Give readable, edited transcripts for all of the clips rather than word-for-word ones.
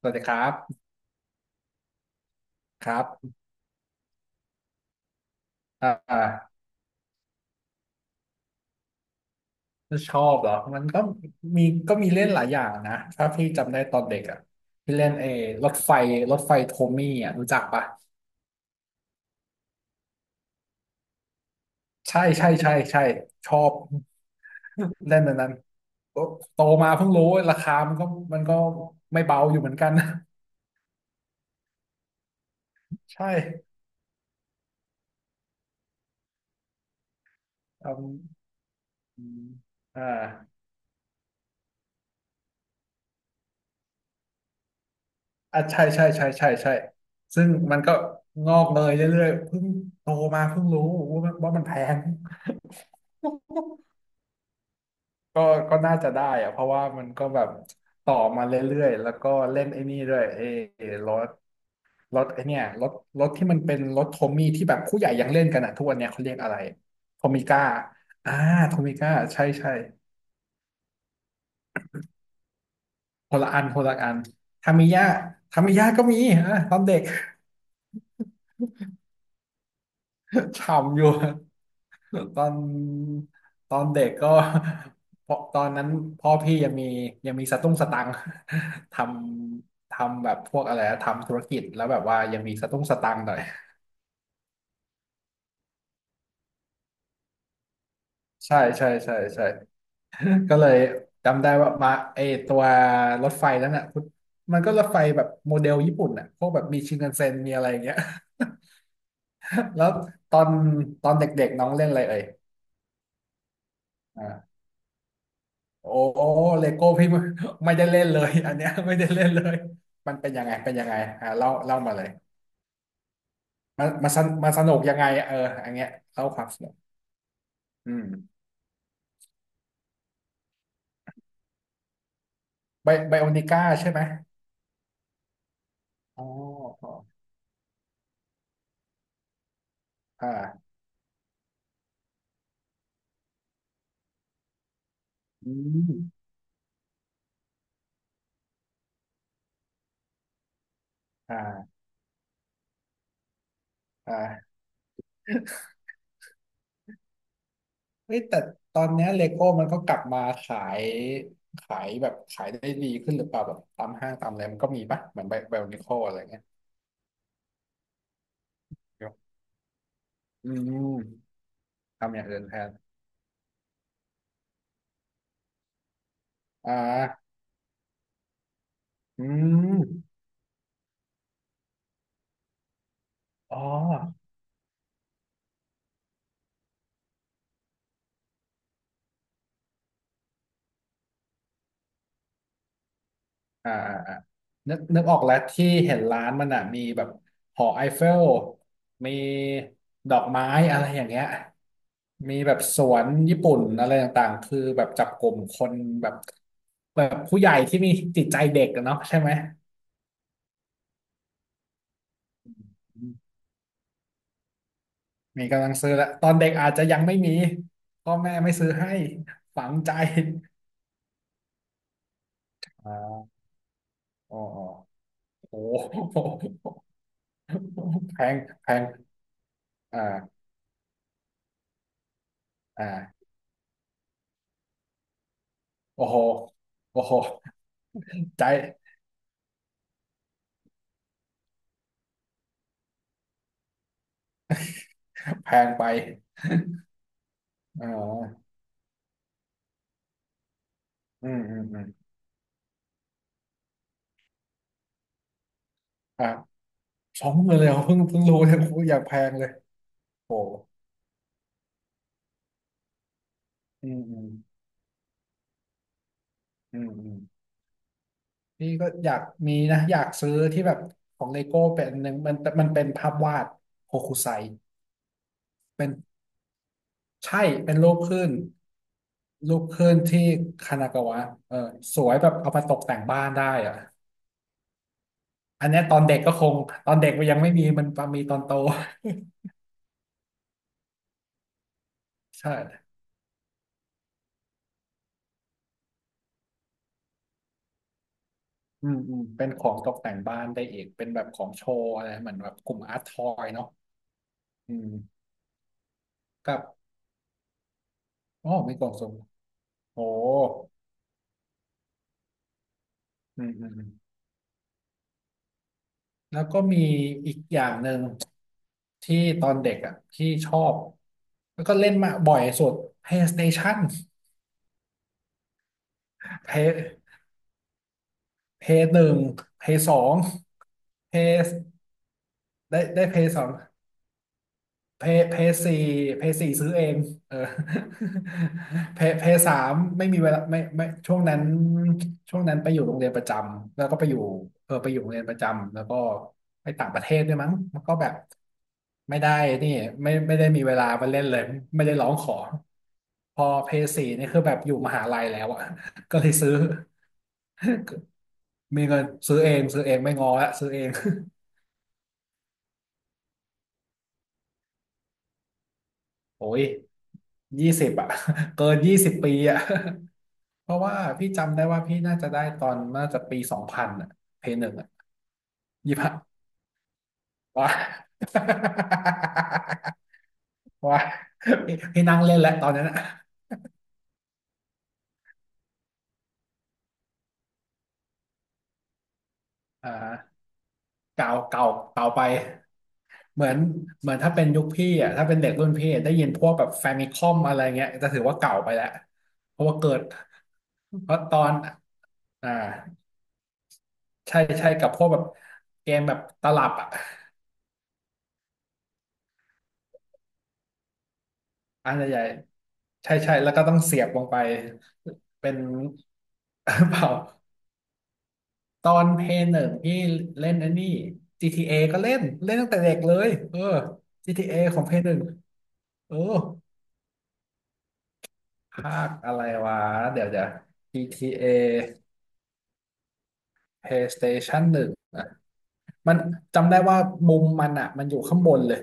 สวัสดีครับครับอ่าชอบเหรอมันก็มีเล่นหลายอย่างนะถ้าพี่จำได้ตอนเด็กอ่ะพี่เล่นรถไฟโทมี่อ่ะรู้จักปะใช่ใช่ใช่ใช่ชอบเล่นอันนั้นโตมาเพิ่งรู้ว่าราคามันก็ไม่เบาอยู่เหมือนกัน ใช่อืมอมอ่าอ่ะใช่ใช่ใช่ใช่ใช่ซึ่งมันก็งอกเงยเรื่อยๆเพิ่งโตมาเพิ่งรู้ว่ามันแพง ก็ก็น่าจะได้อะเพราะว่ามันก็แบบต่อมาเรื่อยๆแล้วก็เล่นไอ้นี่ด้วยเอรถรถไอ้เนี่ยรถรถที่มันเป็นรถโทมี่ที่แบบผู้ใหญ่ยังเล่นกันอะทุกวันเนี้ยเขาเรียกอะไรโทมิก้าอ่าโทมิก้าใช่ใช่คนละอันคนละอันทามิยะทามิยะก็มีอ่ะตอนเด็ก ฉ่ำอยู่ ตอนตอนเด็กก็ เพราะตอนนั้นพ่อพี่ยังมียังมีสตุ้งสตังค์ ททำแบบพวกอะไรนะทำธุรกิจแล้วแบบว่ายังมีสตุ้งสตังค์หน่อย ใช่ใช่ใช่ใช่ ก็เลยจำได้ว่ามาไอตัวรถไฟนั้นอ่ะมันก็รถไฟแบบโมเดลญี่ปุ่นอ่ะพวกแบบมีชินคันเซ็นมีอะไรอย่างเงี้ย แล้วตอนตอนเด็กๆน้องเล่นอะไรเอ่ย โอ้เลโก้พี่ไม่ไม่ได้เล่นเลยอันเนี้ยไม่ได้เล่นเลยมันเป็นยังไงเป็นยังไงอ่าเล่าเล่ามาเลยมันมาสนสนุกยังไงเอออันเนี้ยเล่าความสนุกอืมไบไบโอนิก้าใช่ไหมอ๋ออ๋ออ่าอืมอ่าอ่าเฮ้ยแต่ตอนเนี้ยเลโก้มันก็กลับมาขายขายแบบขายได้ดีขึ้นหรือเปล่าแบบตามห้างตามอะไรมันก็มีปะเหมือนไบไบโอนิโคอะไรเงี้ยอืมทำอย่างอื่นแทนอ่าอืมอ๋อ อ่าอ่าอ่านึกออกแล้วที่เห็นร้านมันอ่ะมีแบบหอไอเฟลมีดอกไม้อะไรอย่างเงี้ยมีแบบสวนญี่ปุ่นอะไรต่างๆคือแบบจับกลุ่มคนแบบแบบผู้ใหญ่ที่มีจิตใจเด็กอะเนาะใช่ไหมอืมมีกำลังซื้อแล้วตอนเด็กอาจจะยังไม่มีพ่อแม่ไม่ซื้อให้ฝังใจอ่าอ๋ออ๋อโอ้โห แพงแพงอ่าอ่า โอ้โหโอ้โห ใจแพงไปอ๋ออืมอืมอืมอ่ะ20,000เลยเหรอเพิ่งรู้เนี่ยกูอยากแพงเลย โอ้โหอืมอืมอืมอืมนี่ก็อยากมีนะอยากซื้อที่แบบของเลโก้เป็นอันหนึ่งมันเป็นภาพวาดโฮคุไซเป็นใช่เป็นรูปคลื่นรูปคลื่นที่คานากาวะเออสวยแบบเอามาตกแต่งบ้านได้อ่ะอันเนี้ยตอนเด็กก็คงตอนเด็กมันยังไม่มีมันมีตอนโต ใช่ อืมอืมเป็นของตกแต่งบ้านได้อีกเป็นแบบของโชว์อะไรเหมือนแบบกลุ่มอาร์ตทอยเนาะอืมกับอ๋อมีกล่องสุ่มโอ้อืมอืมอืมแล้วก็มีอีกอย่างหนึ่งที่ตอนเด็กอ่ะที่ชอบแล้วก็เล่นมาบ่อยสุด PlayStation เพย์เพย์หนึ่งเพย์สองเพย์ได้ได้เพย์สอง เพเพสี่เพสี่ซื้อเองเออ เพสามไม่มีเวลาไม่ช่วงนั้นช่วงนั้นไปอยู่โรงเรียนประจำแล้วก็ไปอยู่เออไปอยู่โรงเรียนประจำแล้วก็ไปต่างประเทศด้วยมั้งมันก็แบบไม่ได้นี่ไม่ได้มีเวลามาเล่นเลยไม่ได้ร้องขอพอเพสี่นี่คือแบบอยู่มหาลัยแล้วอะ ก็เลยซื้อมีเงินซื้อเองซื้อเองไม่งอละซื้อเอง โอ้ย20อะ เกิน20 ปีอะ เพราะว่าพี่จำได้ว่าพี่น่าจะได้ตอนน่าจะปี2000อ่ะเพย์หนึ่งอ่ะยี่ห้าว้า ว้าพี่นั่งเล่นแล้วตอนนั้นอ่ะอ่าเก่าเก่าเก่าไปเหมือนเหมือนถ้าเป็นยุคพี่อ่ะถ้าเป็นเด็กรุ่นพี่ได้ยินพวกแบบแฟมิคอมอะไรเงี้ยจะถือว่าเก่าไปแล้วเพราะว่าเกิดเพราะตอนอ่าใช่ใช่กับพวกแบบเกมแบบตลับอ่ะอันใหญ่ ใช่ใช่แล้วก็ต้องเสียบลงไปเป็น เปล่าตอนเพย์หนึ่งพี่เล่นไอันนี้ GTA ก็เล่นเล่นตั้งแต่เด็กเลยเออ GTA ของเพย์หนึ่งเออภาคอะไรวะเดี๋ยวเดี๋ยว GTA PlayStation หนึ่งอ่ะมันจำได้ว่ามุมมันอ่ะมันอยู่ข้างบนเลย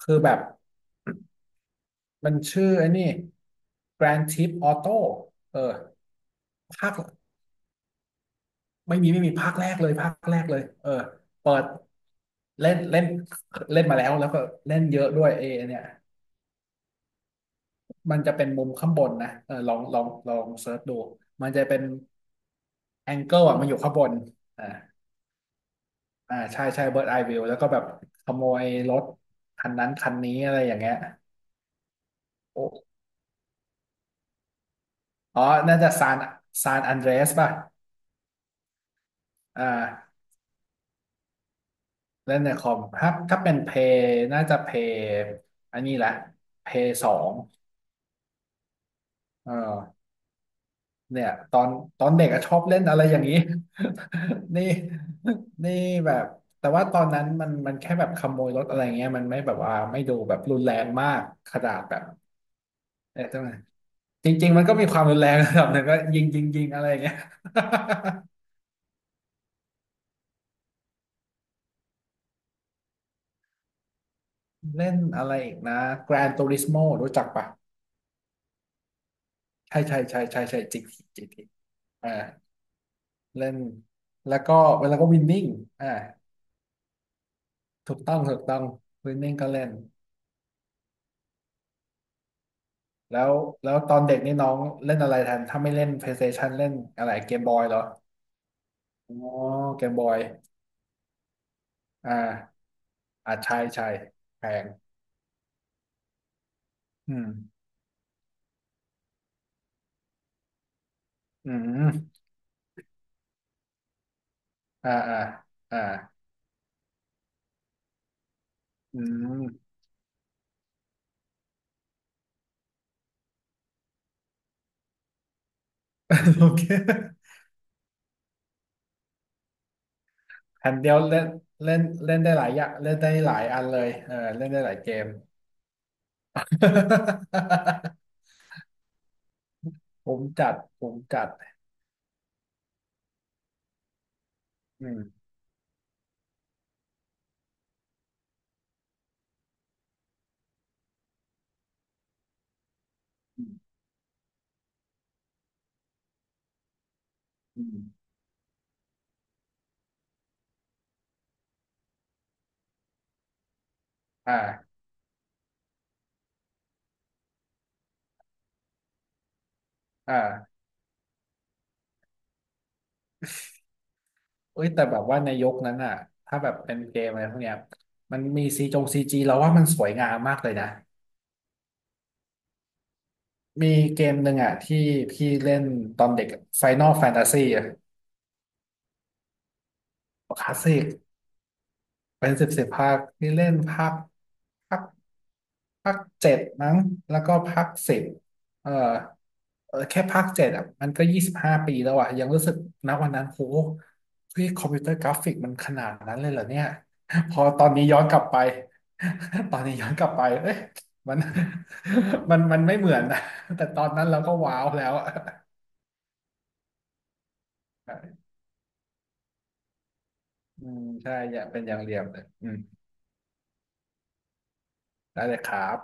คือแบบมันชื่อไอ้นี่ Grand Theft Auto เออภาค ไม่มีภาคแรกเลยภาคแรกเลยเออเปิดเล่นเล่นเล่นมาแล้วก็เล่นเยอะด้วยเอเนี่ยมันจะเป็นมุมข้างบนนะเออลองเซิร์ชดูมันจะเป็นแองเกิลอ่ะมันอยู่ข้างบนอ่าอ่าใช่ใช่เบิร์ดไอวิวแล้วก็แบบขโมยรถคันนั้นคันนี้อะไรอย่างเงี้ยโอ้อ๋อน่าจะซานอันเดรสป่ะอ่าเล่นในคอมถ้าเป็นเพย์น่าจะเพย์อันนี้แหละเพย์สองเออ เนี่ยตอนเด็กอะชอบเล่นอะไรอย่างนี้ นี่นี่แบบแต่ว่าตอนนั้นมันแค่แบบขโมยรถอะไรเงี้ยมันไม่แบบว่าไม่ดูแบบรุนแรงมากขนาดแบบเอ๊ะทำไมจริงๆมันก็มีความรุนแรง ระดับหนึ่งก็ยิงยิงยิงอะไรอย่างเงี้ย เล่นอะไรอีกนะ Gran Turismo รู้จักปะใช่ใช่ใช่ใช่ใช่ g จ GT อ่าเล่นแล้วก็เวลาก็วินนิ่งอ่าถูกต้องถูกต้องวินนิ่งก็เล่น แล้วแล้วตอนเด็กนี่น้องเล่นอะไรแทนถ้าไม่เล่น PlayStation เล่นอะไรเกมบอยเหรออ๋อเกมบอยอ่าอ่าใช่ใช่แพงอืมอืมอ่าอ่าอ่าอืม โอเคแผ่นเดียวเล่นเล่นเล่นได้หลายอย่างเล่นได้หลายอันเลยเออเล่นได้หลายเกม ผมจัดผมจัดอืมอืมอืมอ่าอ่า เอ้ยแต่แบบว่าในยุคนั้นอ่ะถ้าแบบเป็นเกมอะไรพวกเนี้ยมันมีซีจงซีจีเราว่ามันสวยงามมากเลยนะมีเกมหนึ่งอ่ะที่พี่เล่นตอนเด็ก Final Fantasy อะคลาสสิกเป็นสิบสิบภาคพี่เล่นภาค ภาคเจ็ดมั้งแล้วก็ภาค 10เออเออแค่ภาคเจ็ดอ่ะมันก็25 ปีแล้วอ่ะยังรู้สึกนะวันนั้นโหเฮ้ยคอมพิวเตอร์กราฟิกมันขนาดนั้นเลยเหรอเนี่ยพอตอนนี้ย้อนกลับไป ตอนนี้ย้อนกลับไปเอ้ยมัน มันไม่เหมือนนะแต่ตอนนั้นเราก็ว้าวแล้วอะ อืมใช่อย่าเป็นอย่างเรียมเลยอืมได้เลยครับ